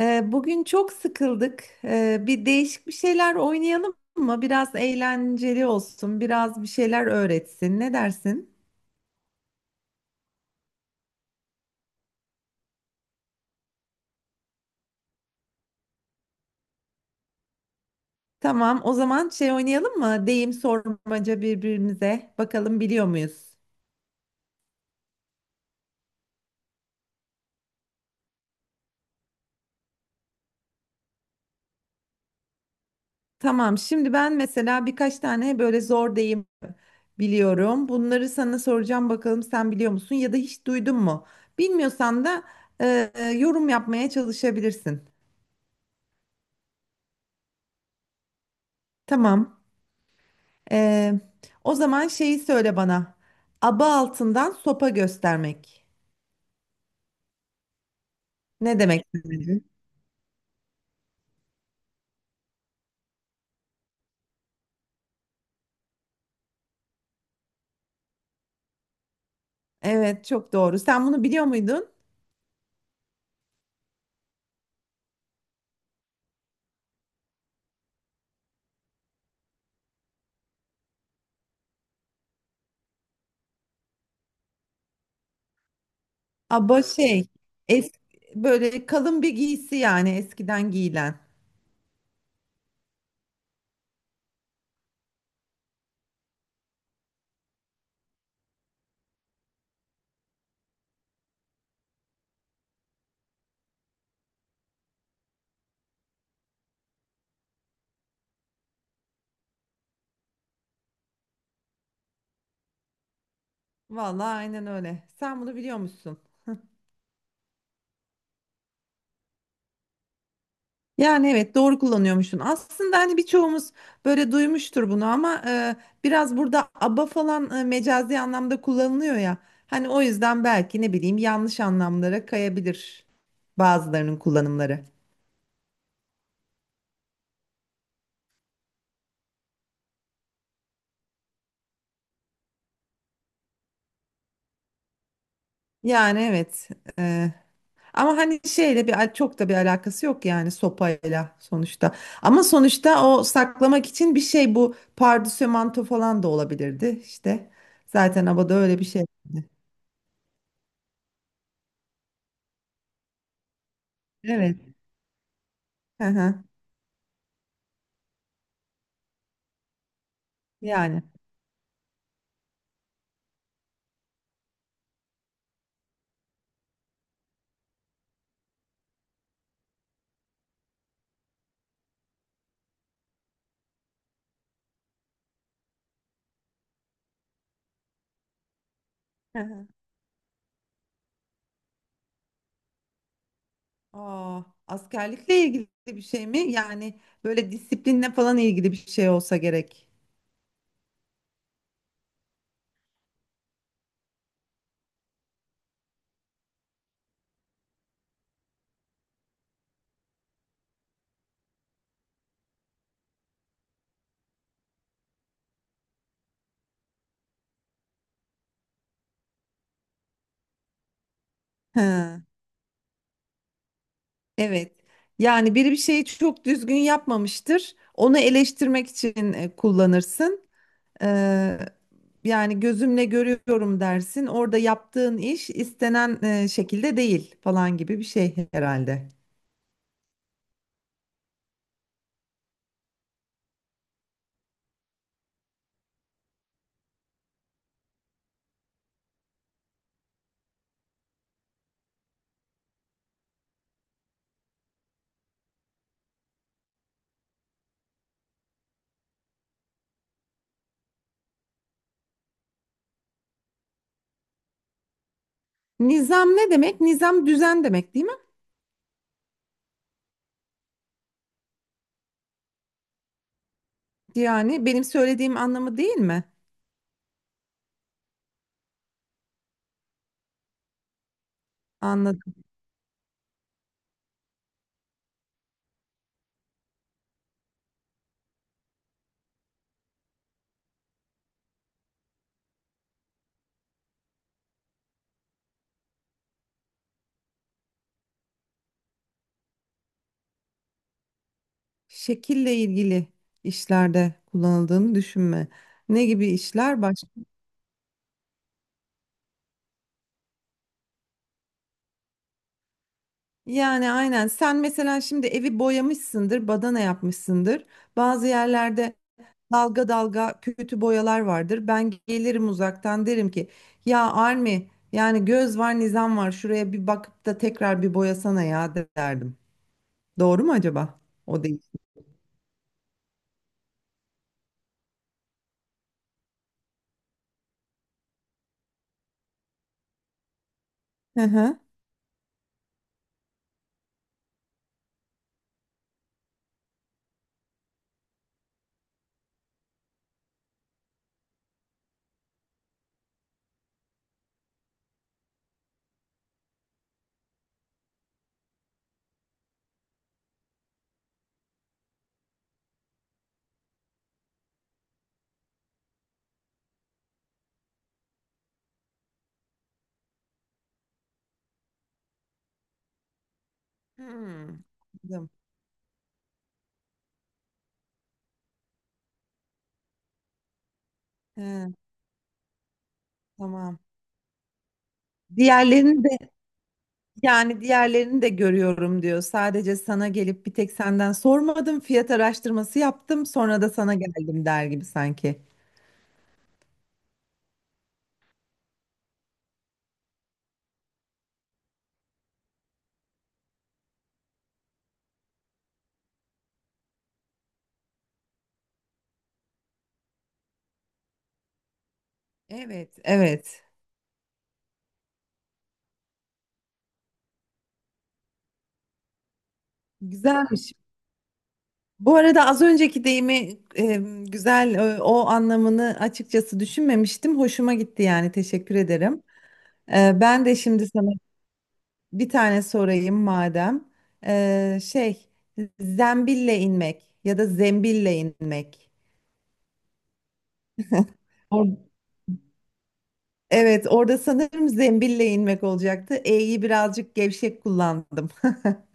Bugün çok sıkıldık. Bir değişik bir şeyler oynayalım mı? Biraz eğlenceli olsun, biraz bir şeyler öğretsin. Ne dersin? Tamam, o zaman şey oynayalım mı? Deyim sormaca birbirimize. Bakalım biliyor muyuz? Tamam, şimdi ben mesela birkaç tane böyle zor deyim biliyorum. Bunları sana soracağım, bakalım sen biliyor musun ya da hiç duydun mu? Bilmiyorsan da yorum yapmaya çalışabilirsin. Tamam. Ee, O zaman şeyi söyle bana. Aba altından sopa göstermek. Ne demek? Evet, çok doğru. Sen bunu biliyor muydun? Aba şey, es böyle kalın bir giysi yani eskiden giyilen. Vallahi aynen öyle. Sen bunu biliyor musun? Yani evet, doğru kullanıyormuşsun. Aslında hani birçoğumuz böyle duymuştur bunu, ama biraz burada aba falan mecazi anlamda kullanılıyor ya. Hani o yüzden belki ne bileyim yanlış anlamlara kayabilir bazılarının kullanımları. Yani evet. e, Ama hani şeyle çok da bir alakası yok yani sopayla sonuçta. Ama sonuçta o saklamak için bir şey, bu pardösü manto falan da olabilirdi işte. Zaten abada öyle bir şey. Evet. Hı hı. Yani. Hı hı. Aa, askerlikle ilgili bir şey mi? Yani böyle disiplinle falan ilgili bir şey olsa gerek. Ha, evet. Yani biri bir şeyi çok düzgün yapmamıştır. Onu eleştirmek için kullanırsın. Ee, Yani gözümle görüyorum dersin. Orada yaptığın iş istenen şekilde değil falan gibi bir şey herhalde. Nizam ne demek? Nizam düzen demek değil mi? Yani benim söylediğim anlamı değil mi? Anladım. Şekille ilgili işlerde kullanıldığını düşünme. Ne gibi işler başka? Yani aynen, sen mesela şimdi evi boyamışsındır, badana yapmışsındır. Bazı yerlerde dalga dalga kötü boyalar vardır. Ben gelirim uzaktan, derim ki ya Armi yani göz var nizam var, şuraya bir bakıp da tekrar bir boyasana ya derdim. Doğru mu acaba? O değil. Hı hı. Hmm. Anladım. He, tamam. Diğerlerini de yani diğerlerini de görüyorum diyor. Sadece sana gelip bir tek senden sormadım, fiyat araştırması yaptım, sonra da sana geldim der gibi sanki. Evet, evet. Güzelmiş. Bu arada az önceki deyimi güzel, o anlamını açıkçası düşünmemiştim. Hoşuma gitti, yani teşekkür ederim. E, ben de şimdi sana bir tane sorayım madem. E, şey, zembille inmek ya da zembille inmek. Evet, orada sanırım zembille inmek olacaktı. E'yi birazcık gevşek kullandım.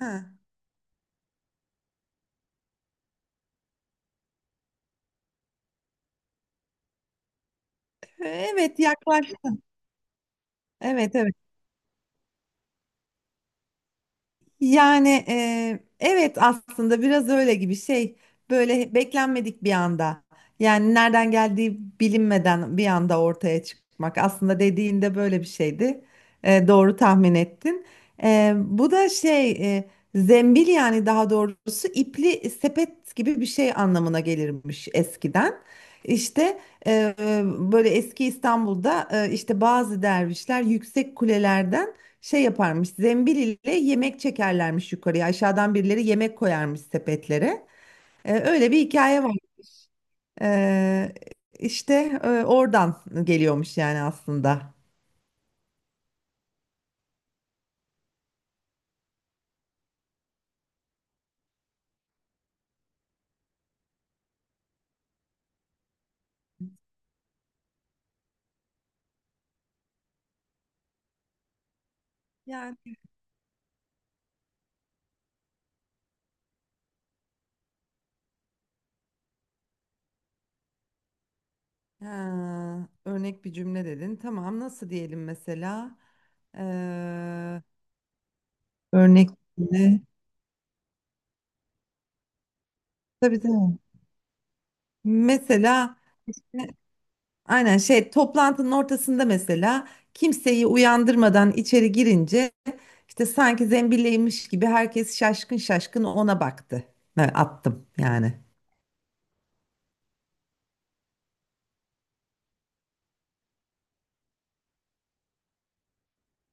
Ha. Evet, yaklaş. Evet, evet. Yani evet aslında biraz öyle gibi, şey böyle beklenmedik bir anda, yani nereden geldiği bilinmeden bir anda ortaya çıkmak aslında, dediğinde böyle bir şeydi. E, doğru tahmin ettin. E, bu da şey, e, zembil yani daha doğrusu ipli sepet gibi bir şey anlamına gelirmiş eskiden işte. e, Böyle eski İstanbul'da işte bazı dervişler yüksek kulelerden şey yaparmış, zembil ile yemek çekerlermiş yukarıya, aşağıdan birileri yemek koyarmış sepetlere. Öyle bir hikaye var. Ee, işte oradan geliyormuş yani aslında. Yani. Ha, örnek bir cümle dedin. Tamam, nasıl diyelim mesela? Ee, örnek cümle. Tabii tabii. Mesela işte aynen şey, toplantının ortasında mesela kimseyi uyandırmadan içeri girince işte sanki zembilleymiş gibi herkes şaşkın şaşkın ona baktı. Ben attım yani.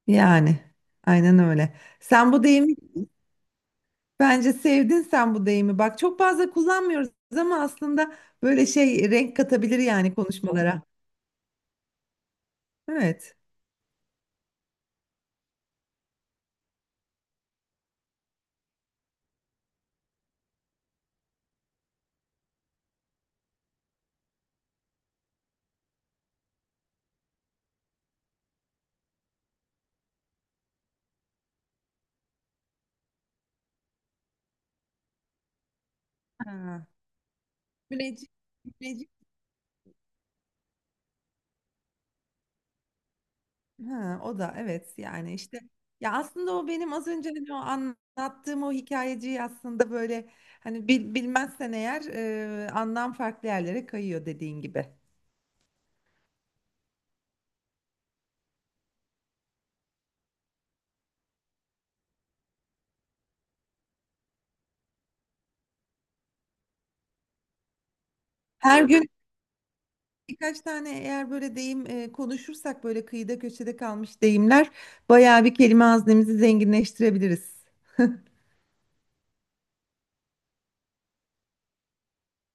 Yani aynen öyle. Sen bu deyimi Bence sevdin sen bu deyimi. Bak çok fazla kullanmıyoruz ama aslında böyle şey renk katabilir yani konuşmalara. Evet. Ha. Müneccim, müneccim. Ha, o da evet yani işte, ya aslında o benim az önce hani o anlattığım o hikayeciyi aslında böyle hani bilmezsen eğer anlam farklı yerlere kayıyor dediğin gibi. Her gün birkaç tane eğer böyle deyim konuşursak, böyle kıyıda köşede kalmış deyimler, bayağı bir kelime haznemizi zenginleştirebiliriz.